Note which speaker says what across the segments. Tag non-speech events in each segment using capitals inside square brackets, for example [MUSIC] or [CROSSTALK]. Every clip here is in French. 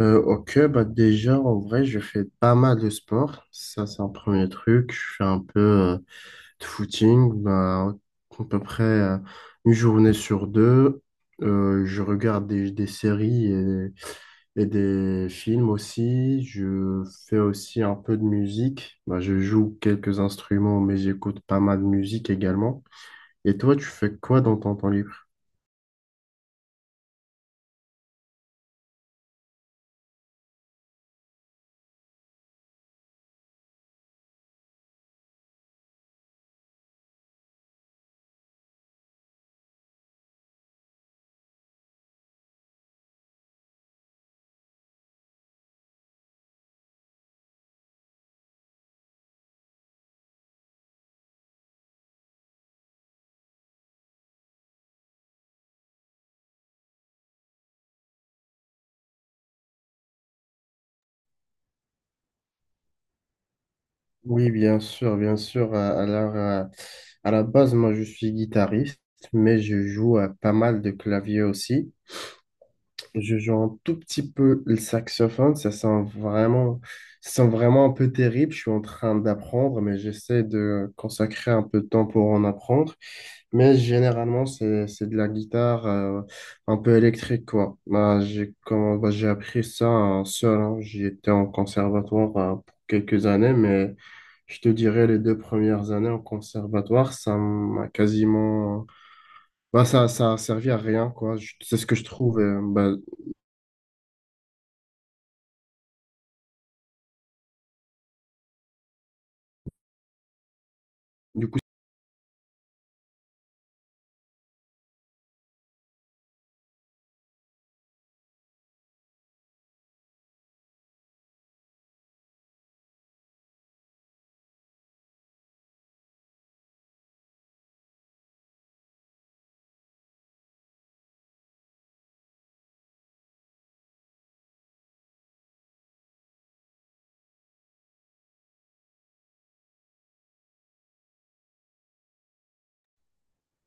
Speaker 1: Ok, bah déjà, en vrai, je fais pas mal de sport. Ça, c'est un premier truc. Je fais un peu de footing, bah, à peu près une journée sur deux. Je regarde des séries et des films aussi. Je fais aussi un peu de musique. Bah, je joue quelques instruments, mais j'écoute pas mal de musique également. Et toi, tu fais quoi dans ton temps libre? Oui, bien sûr, bien sûr. Alors, à la base, moi, je suis guitariste, mais je joue pas mal de clavier aussi. Je joue un tout petit peu le saxophone, ça sent vraiment un peu terrible. Je suis en train d'apprendre, mais j'essaie de consacrer un peu de temps pour en apprendre. Mais généralement, c'est de la guitare un peu électrique, quoi. Bah, j'ai comment, bah, j'ai appris ça seul, hein. J'étais en conservatoire pour quelques années, mais je te dirais les deux premières années en conservatoire, ça m'a quasiment... Bah, ça a servi à rien, quoi. Je- C'est ce que je trouve. Du coup,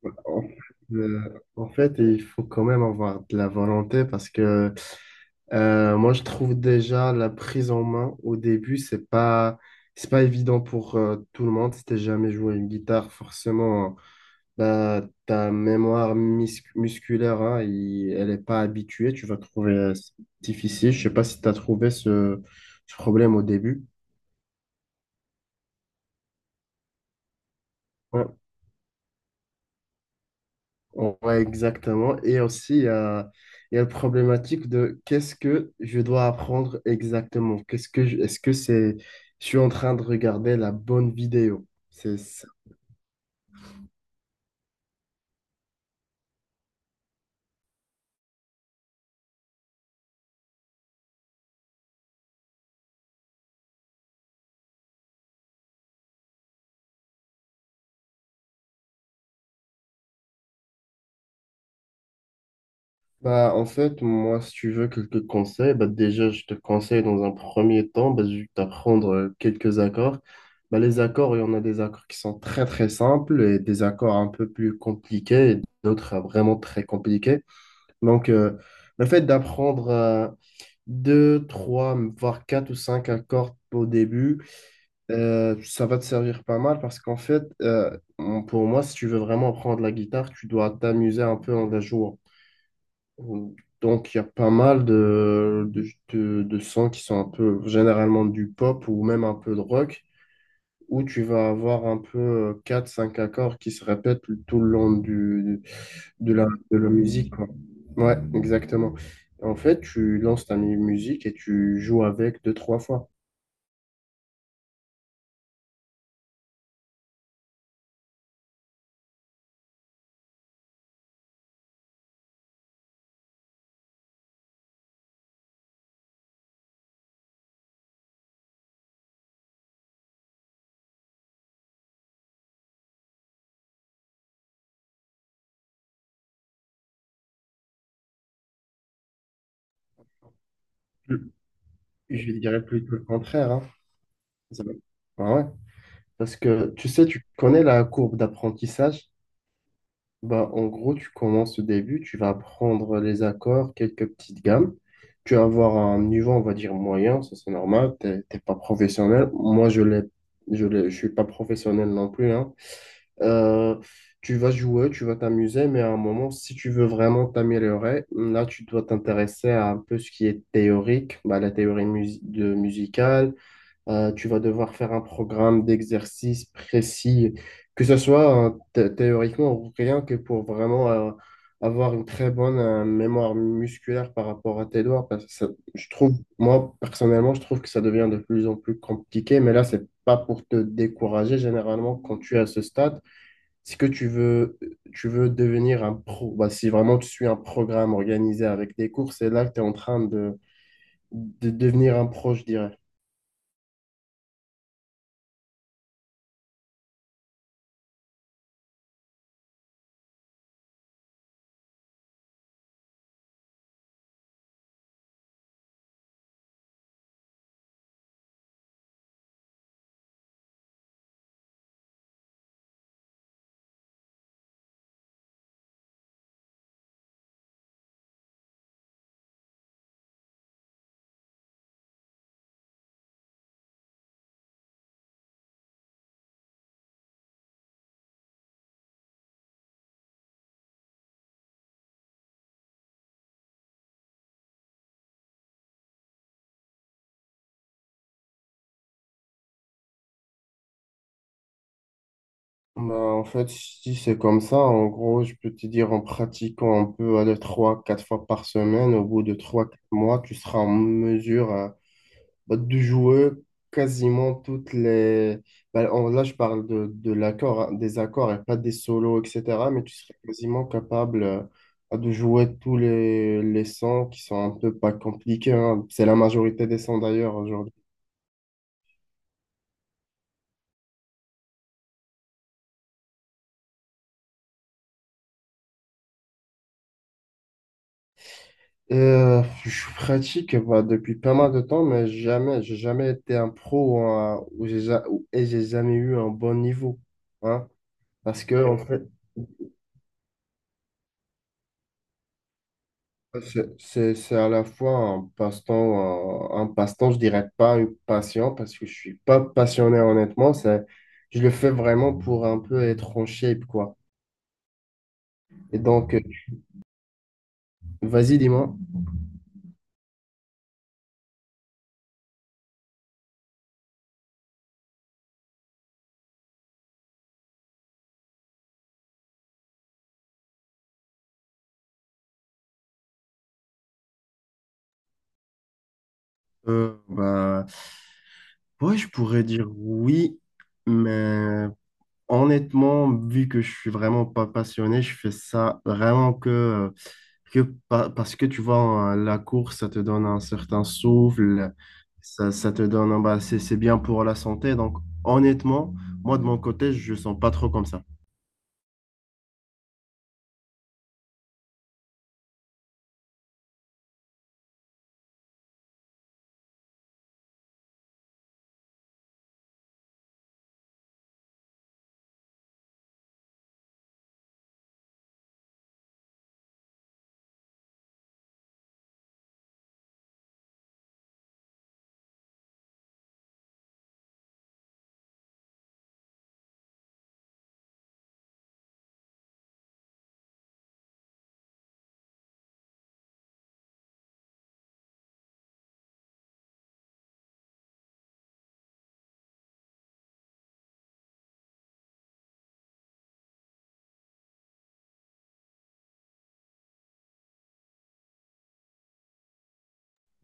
Speaker 1: En euh, en fait, il faut quand même avoir de la volonté parce que moi, je trouve déjà la prise en main au début, c'est pas évident pour tout le monde. Si t'as jamais joué une guitare, forcément, bah, ta musculaire, hein, elle est pas habituée. Tu vas trouver difficile. Je sais pas si tu as trouvé ce problème au début. Ouais. Ouais, exactement. Et aussi, il y a la problématique de qu'est-ce que je dois apprendre exactement? Est-ce que c'est, je suis en train de regarder la bonne vidéo? C'est ça. Bah, en fait, moi, si tu veux quelques conseils, bah, déjà, je te conseille dans un premier temps bah, juste d'apprendre quelques accords. Bah, les accords, il y en a des accords qui sont très, très simples et des accords un peu plus compliqués et d'autres vraiment très compliqués. Donc, le fait d'apprendre deux, trois, voire quatre ou cinq accords au début, ça va te servir pas mal parce qu'en fait, pour moi, si tu veux vraiment apprendre la guitare, tu dois t'amuser un peu en la jouant. Donc, il y a pas mal de sons qui sont un peu généralement du pop ou même un peu de rock où tu vas avoir un peu quatre cinq accords qui se répètent tout le long de la, de la musique, quoi. Ouais, exactement. En fait, tu lances ta musique et tu joues avec deux, trois fois. Je dirais plutôt le contraire, hein. Ça va- Ah ouais. Parce que tu sais, tu connais la courbe d'apprentissage. Bah, en gros, tu commences au début, tu vas prendre les accords, quelques petites gammes. Tu vas avoir un niveau, on va dire, moyen, ça c'est normal, t'es pas professionnel. Moi, je suis pas professionnel non plus, hein. Euh, Tu vas jouer, tu vas t'amuser, mais à un moment, si tu veux vraiment t'améliorer, là, tu dois t'intéresser à un peu ce qui est théorique, bah, la théorie mus- de musicale, tu vas devoir faire un programme d'exercice précis, que ce soit théoriquement ou rien que pour vraiment avoir une très bonne mémoire musculaire par rapport à tes doigts. Parce que ça- je trouve, moi, personnellement, je trouve que ça devient de plus en plus compliqué, mais là, c'est pas pour te décourager. Généralement, quand tu es à ce stade, si que tu veux devenir un pro, bah, si vraiment tu suis un programme organisé avec des cours, c'est là que tu es en train de devenir un pro, je dirais. Bah, en fait, si c'est comme ça, en gros, je peux te dire en pratiquant un peu, aller trois, quatre fois par semaine, au bout de trois, quatre mois, tu seras en mesure bah, de jouer quasiment toutes les. Bah, là, je parle de l'accord, hein, des accords et pas des solos, etc. Mais tu serais quasiment capable de jouer tous les sons qui sont un peu pas compliqués, hein. C'est la majorité des sons d'ailleurs aujourd'hui. Je pratique bah, depuis pas mal de temps, mais jamais, j'ai jamais été un pro ou un- ou j'ai j'ai jamais eu un bon niveau. Hein, parce que, en fait, c'est à la fois un passe-temps, un passe-temps, je dirais pas une passion, parce que je suis pas passionné, honnêtement. Je le fais vraiment pour un peu être en shape, quoi. Et donc, vas-y, dis-moi. Euh, bah, ouais, je pourrais dire oui, mais. Honnêtement, vu que je suis vraiment pas passionné, je fais ça vraiment que parce que tu vois, hein, la course, ça te donne un certain souffle, ça te donne, un- bah, c'est bien pour la santé. Donc, honnêtement, moi, de mon côté, je sens pas trop comme ça.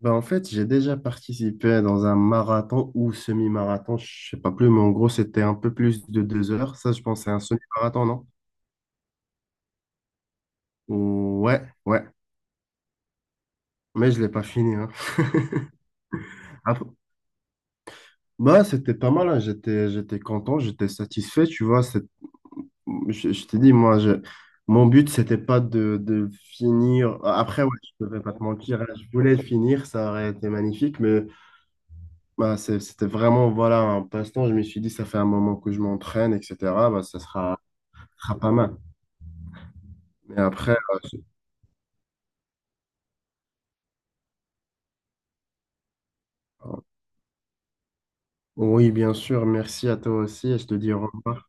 Speaker 1: Ben, en fait, j'ai déjà participé dans un marathon ou semi-marathon, je sais pas plus, mais en gros, c'était un peu plus de 2 heures. Ça, je pense, c'est un semi-marathon, non? Ouais, ouais. Mais je l'ai pas fini, hein. [LAUGHS] Bah, c'était pas mal, hein. J'étais content, j'étais satisfait, tu vois. C'est- Je t'ai dit, moi, je- mon but, c'était pas de finir. Après, ouais, je ne vais pas te mentir, hein, je voulais finir, ça aurait été magnifique, mais bah, c'est- c'était vraiment, voilà, un passe-temps. Je me suis dit, ça fait un moment que je m'entraîne, etc. Bah, ça sera, Ça sera pas mal. Mais après, oui, bien sûr, merci à toi aussi et je te dis au revoir.